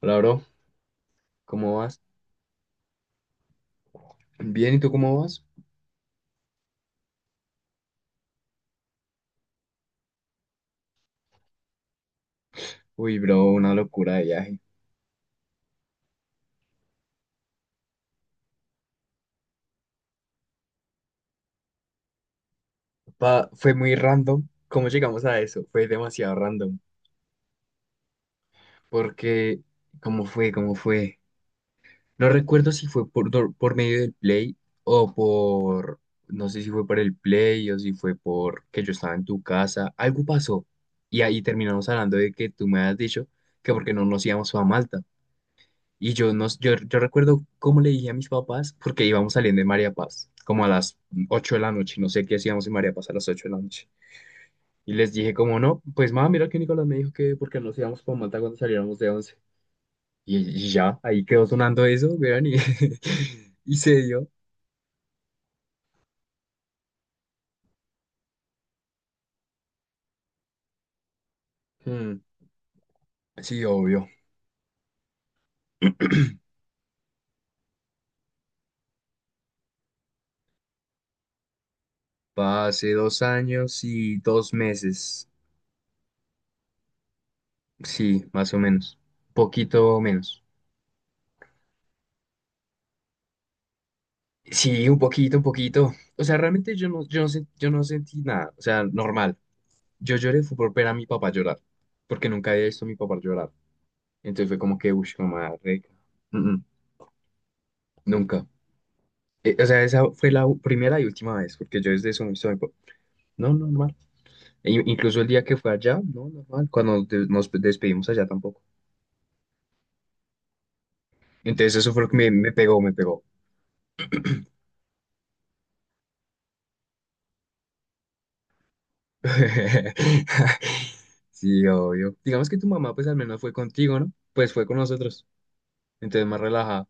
Hola, bro, ¿cómo vas? Bien, ¿y tú cómo vas? Uy, bro, una locura de viaje. Fue muy random. ¿Cómo llegamos a eso? Fue demasiado random. Porque, ¿cómo fue? ¿Cómo fue? No recuerdo si fue por medio del Play o por. No sé si fue por el Play o si fue por que yo estaba en tu casa. Algo pasó. Y ahí terminamos hablando de que tú me has dicho que porque no nos íbamos a Malta. Y yo, no, yo recuerdo cómo le dije a mis papás, porque íbamos saliendo de María Paz, como a las 8 de la noche, no sé qué hacíamos en María Paz a las 8 de la noche. Y les dije como, no, pues mamá, mira que Nicolás me dijo que porque nos íbamos para Manta cuando saliéramos de once. Y ya, ahí quedó sonando eso, vean, y y se dio. Hmm. Sí, obvio. Hace 2 años y 2 meses. Sí, más o menos. Poquito menos. Sí, un poquito, un poquito. O sea, realmente yo no sentí nada. O sea, normal. Yo lloré fue por ver a mi papá llorar, porque nunca había visto a mi papá llorar. Entonces fue como que, uy, mamá, reca. Mm, mm, nunca. O sea, esa fue la primera y última vez, porque yo desde eso no he visto a mi papá. No, normal. E incluso el día que fue allá, no, normal. Cuando nos despedimos allá tampoco. Entonces eso fue lo que me pegó, me pegó. Sí, obvio. Digamos que tu mamá, pues al menos fue contigo, ¿no? Pues fue con nosotros. Entonces más relajada.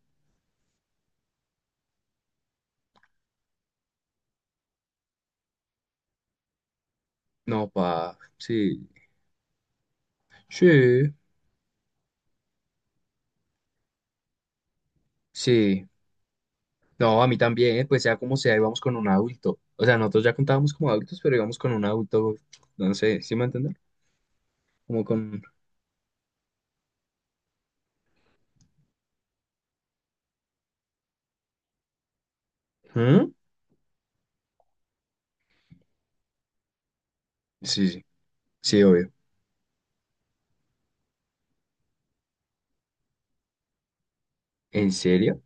No, pa, sí. Sí, sí. No, a mí también, pues sea como sea, íbamos con un adulto. O sea, nosotros ya contábamos como adultos, pero íbamos con un adulto, no sé, ¿sí me entienden? Como con. ¿Mm? Sí, sí, sí, obvio. ¿En serio?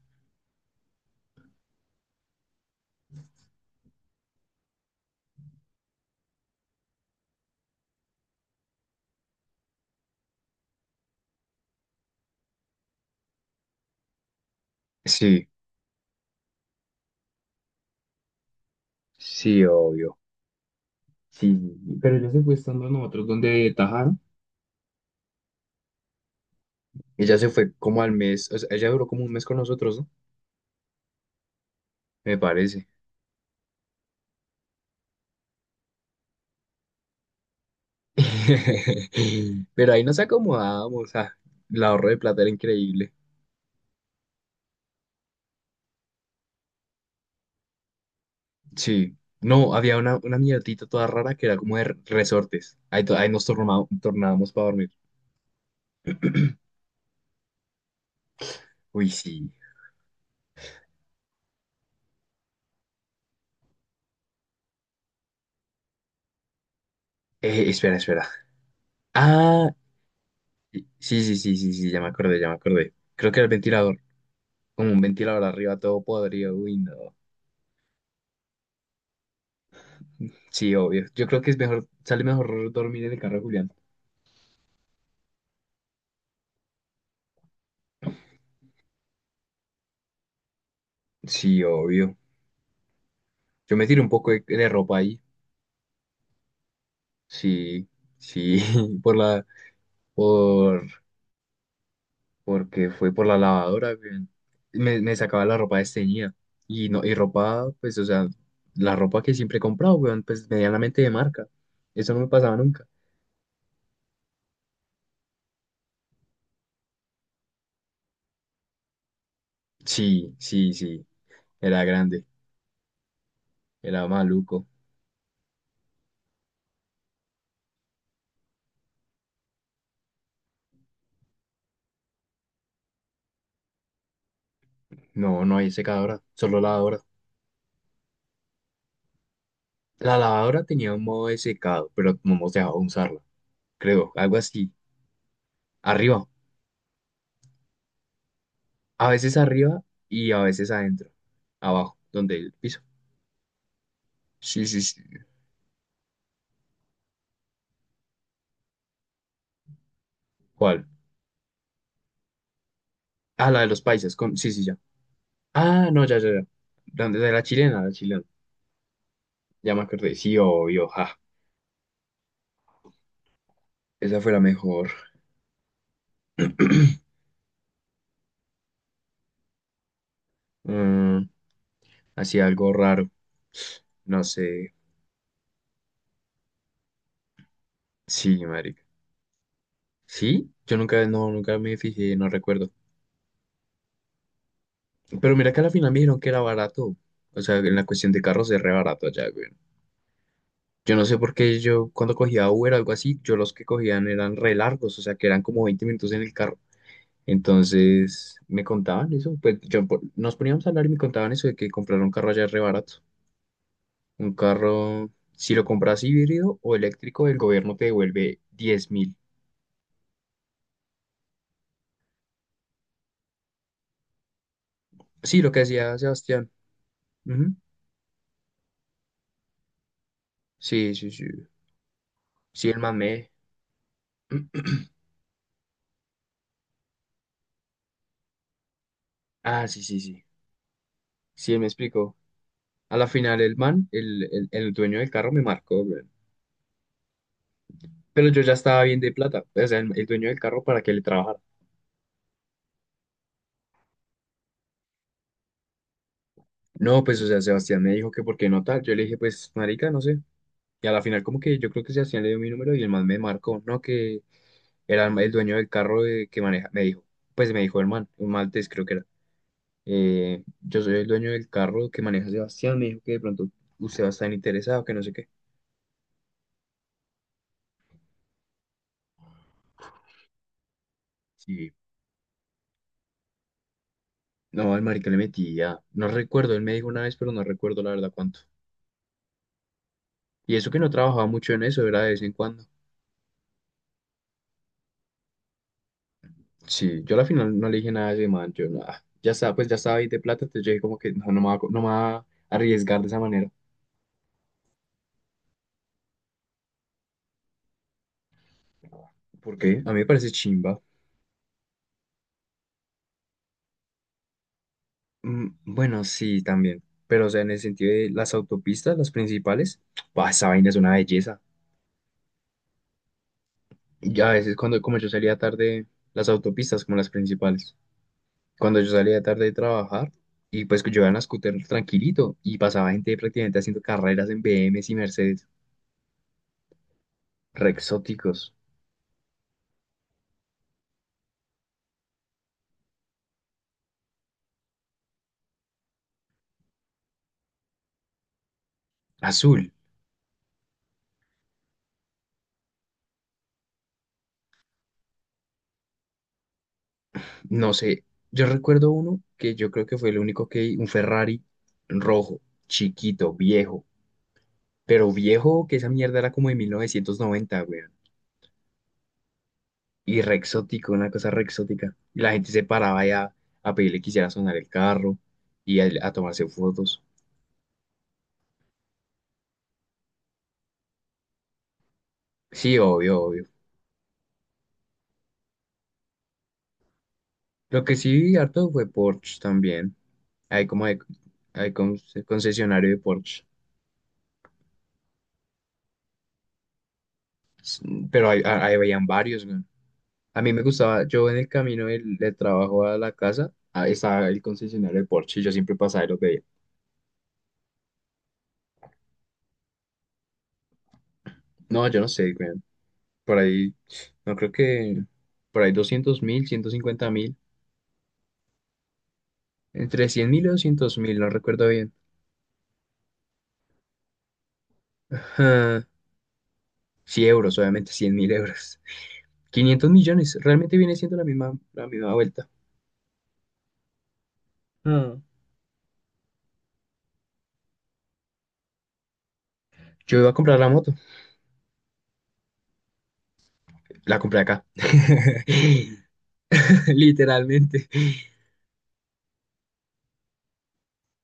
Sí, sí, obvio. Sí, sí, sí, pero ella se fue estando a nosotros donde tajaron. Ella se fue como al mes, o sea, ella duró como un mes con nosotros, ¿no? Me parece. Pero ahí nos acomodábamos, ah, el ahorro de plata era increíble. Sí. No, había una mierdita toda rara que era como de resortes. Ahí nos tornábamos para dormir. Uy, sí. Espera, espera. Ah, sí, sí, sí, sí, sí, ya me acordé, ya me acordé. Creo que era el ventilador. Como un ventilador arriba todo podrido. Uy, no. Sí, obvio. Yo creo que es mejor, sale mejor dormir en el carro de Julián. Sí, obvio. Yo me tiré un poco de ropa ahí. Sí, sí, por la, por porque fue por la lavadora, güey. Me sacaba la ropa desteñida. Y, no, y ropa, pues, o sea, la ropa que siempre he comprado, weón, pues medianamente de marca. Eso no me pasaba nunca. Sí, sí, sí, era grande, era maluco. No, no hay secadora, solo lavadora. La lavadora tenía un modo de secado, pero no nos dejaba usarla, creo, algo así. Arriba, a veces arriba y a veces adentro, abajo, donde el piso. Sí, sí, sí. ¿Cuál? Ah, la de los paisas, con. Sí, sí, ya. Ah, no, ya, ya, ya. De la chilena, la chilena. Ya me acordé. Sí, obvio, ja. Esa fue la mejor. Mm, hacía algo raro. No sé. Sí, marica. ¿Sí? Yo nunca, no, nunca me fijé, no recuerdo. Pero mira que a la final me dijeron que era barato. O sea, en la cuestión de carros es re barato allá, güey. Yo no sé por qué yo, cuando cogía Uber o algo así, yo los que cogían eran re largos. O sea, que eran como 20 minutos en el carro. Entonces me contaban eso, pues nos poníamos a hablar y me contaban eso de que comprar un carro allá es re barato. Un carro, si lo compras híbrido o eléctrico, el gobierno te devuelve 10.000. Sí, lo que decía Sebastián. Ujú. Sí, sí, sí. Sí, el man me. Ah, sí, sí, sí. Sí, él me explicó. A la final el man, el dueño del carro me marcó, güey. Pero yo ya estaba bien de plata. O sea, el dueño del carro para que le trabajara. No, pues, o sea, Sebastián me dijo que por qué no tal. Yo le dije, pues, marica, no sé. Y a la final como que yo creo que Sebastián le dio mi número y el man me marcó, ¿no? Que era el dueño del que maneja, me dijo, pues me dijo el man, un maltés creo que era. Yo soy el dueño del carro que maneja Sebastián, me dijo que de pronto usted va a estar interesado, que no sé qué. Sí. No, al marica le metía, no recuerdo, él me dijo una vez, pero no recuerdo la verdad cuánto. Y eso que no trabajaba mucho en eso, era de vez en cuando. Sí, yo a la final no le dije nada a ese man, yo nada, ya estaba, pues ya estaba ahí de plata, entonces yo dije como que no, no me va, no me va a arriesgar de esa manera. ¿Por qué? A mí me parece chimba. Bueno, sí, también. Pero, o sea, en el sentido de las autopistas, las principales, ¡buah, esa vaina es una belleza! Y a veces cuando, como yo salía tarde, las autopistas como las principales. Cuando yo salía tarde de trabajar, y pues que yo iba en la scooter tranquilito, y pasaba gente prácticamente haciendo carreras en BMWs y Mercedes. Re exóticos. Azul. No sé. Yo recuerdo uno que yo creo que fue el único que vi, un Ferrari rojo, chiquito, viejo. Pero viejo, que esa mierda era como de 1990, weón. Y re exótico, una cosa re exótica. Y la gente se paraba ya a pedirle que hiciera sonar el carro y a tomarse fotos. Sí, obvio, obvio. Lo que sí vi harto fue Porsche también. Hay como de- hay con- concesionario de Porsche. S- Pero ahí veían varios, weón. A mí me gustaba, yo en el camino del trabajo a la casa, ah, estaba el concesionario de Porsche y yo siempre pasaba y los veía. No, yo no sé, weón, por ahí, no creo que por ahí 200.000, 150.000, entre 100.000 y 200.000, no recuerdo bien. Ah, sí, euros, obviamente, 100.000 euros, 500 millones, realmente viene siendo la misma vuelta. Mm. Yo iba a comprar la moto, la compré acá, literalmente,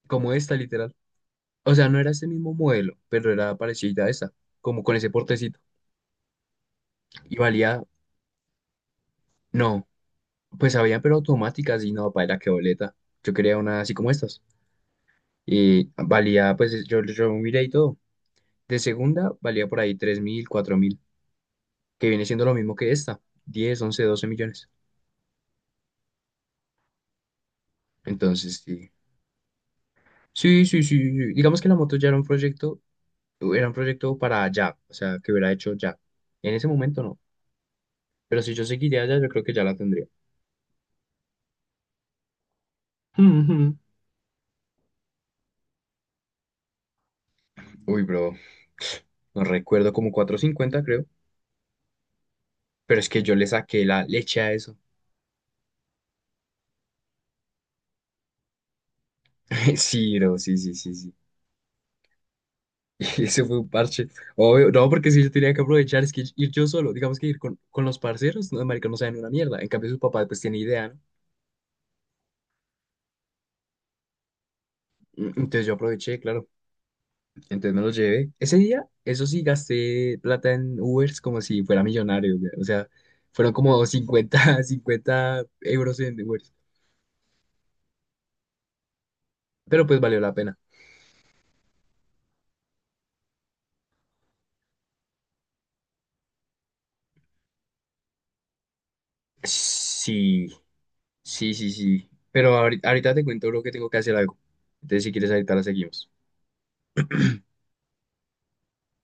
como esta, literal. O sea, no era ese mismo modelo, pero era parecida a esa, como con ese portecito. Y valía, no, pues había, pero automáticas y no, paila, qué boleta. Yo quería una así como estas. Y valía, pues yo miré y todo. De segunda valía por ahí 3.000, 4.000, que viene siendo lo mismo que esta, 10, 11, 12 millones. Entonces, sí. Sí, sí, sí, sí. Digamos que la moto ya era un proyecto para ya, o sea, que hubiera hecho ya. En ese momento no. Pero si yo seguiría allá, yo creo que ya la tendría. Ujú. Uy, bro. No recuerdo como 450 creo. Pero es que yo le saqué la leche a eso. Sí, bro, sí, sí, sí, sí. Y ese fue un parche. Obvio, no, porque si yo tenía que aprovechar, es que ir yo solo, digamos que ir con los parceros, no, marica, no saben una mierda. En cambio, su papá, pues, tiene idea, ¿no? Entonces yo aproveché, claro. Entonces me los llevé. Ese día, eso sí, gasté plata en Ubers como si fuera millonario, güey. O sea, fueron como cincuenta euros en Ubers. Pero pues valió la pena. Sí, sí, sí, sí. Pero ahorita, te cuento lo que tengo que hacer algo. Entonces, si quieres, ahorita la seguimos.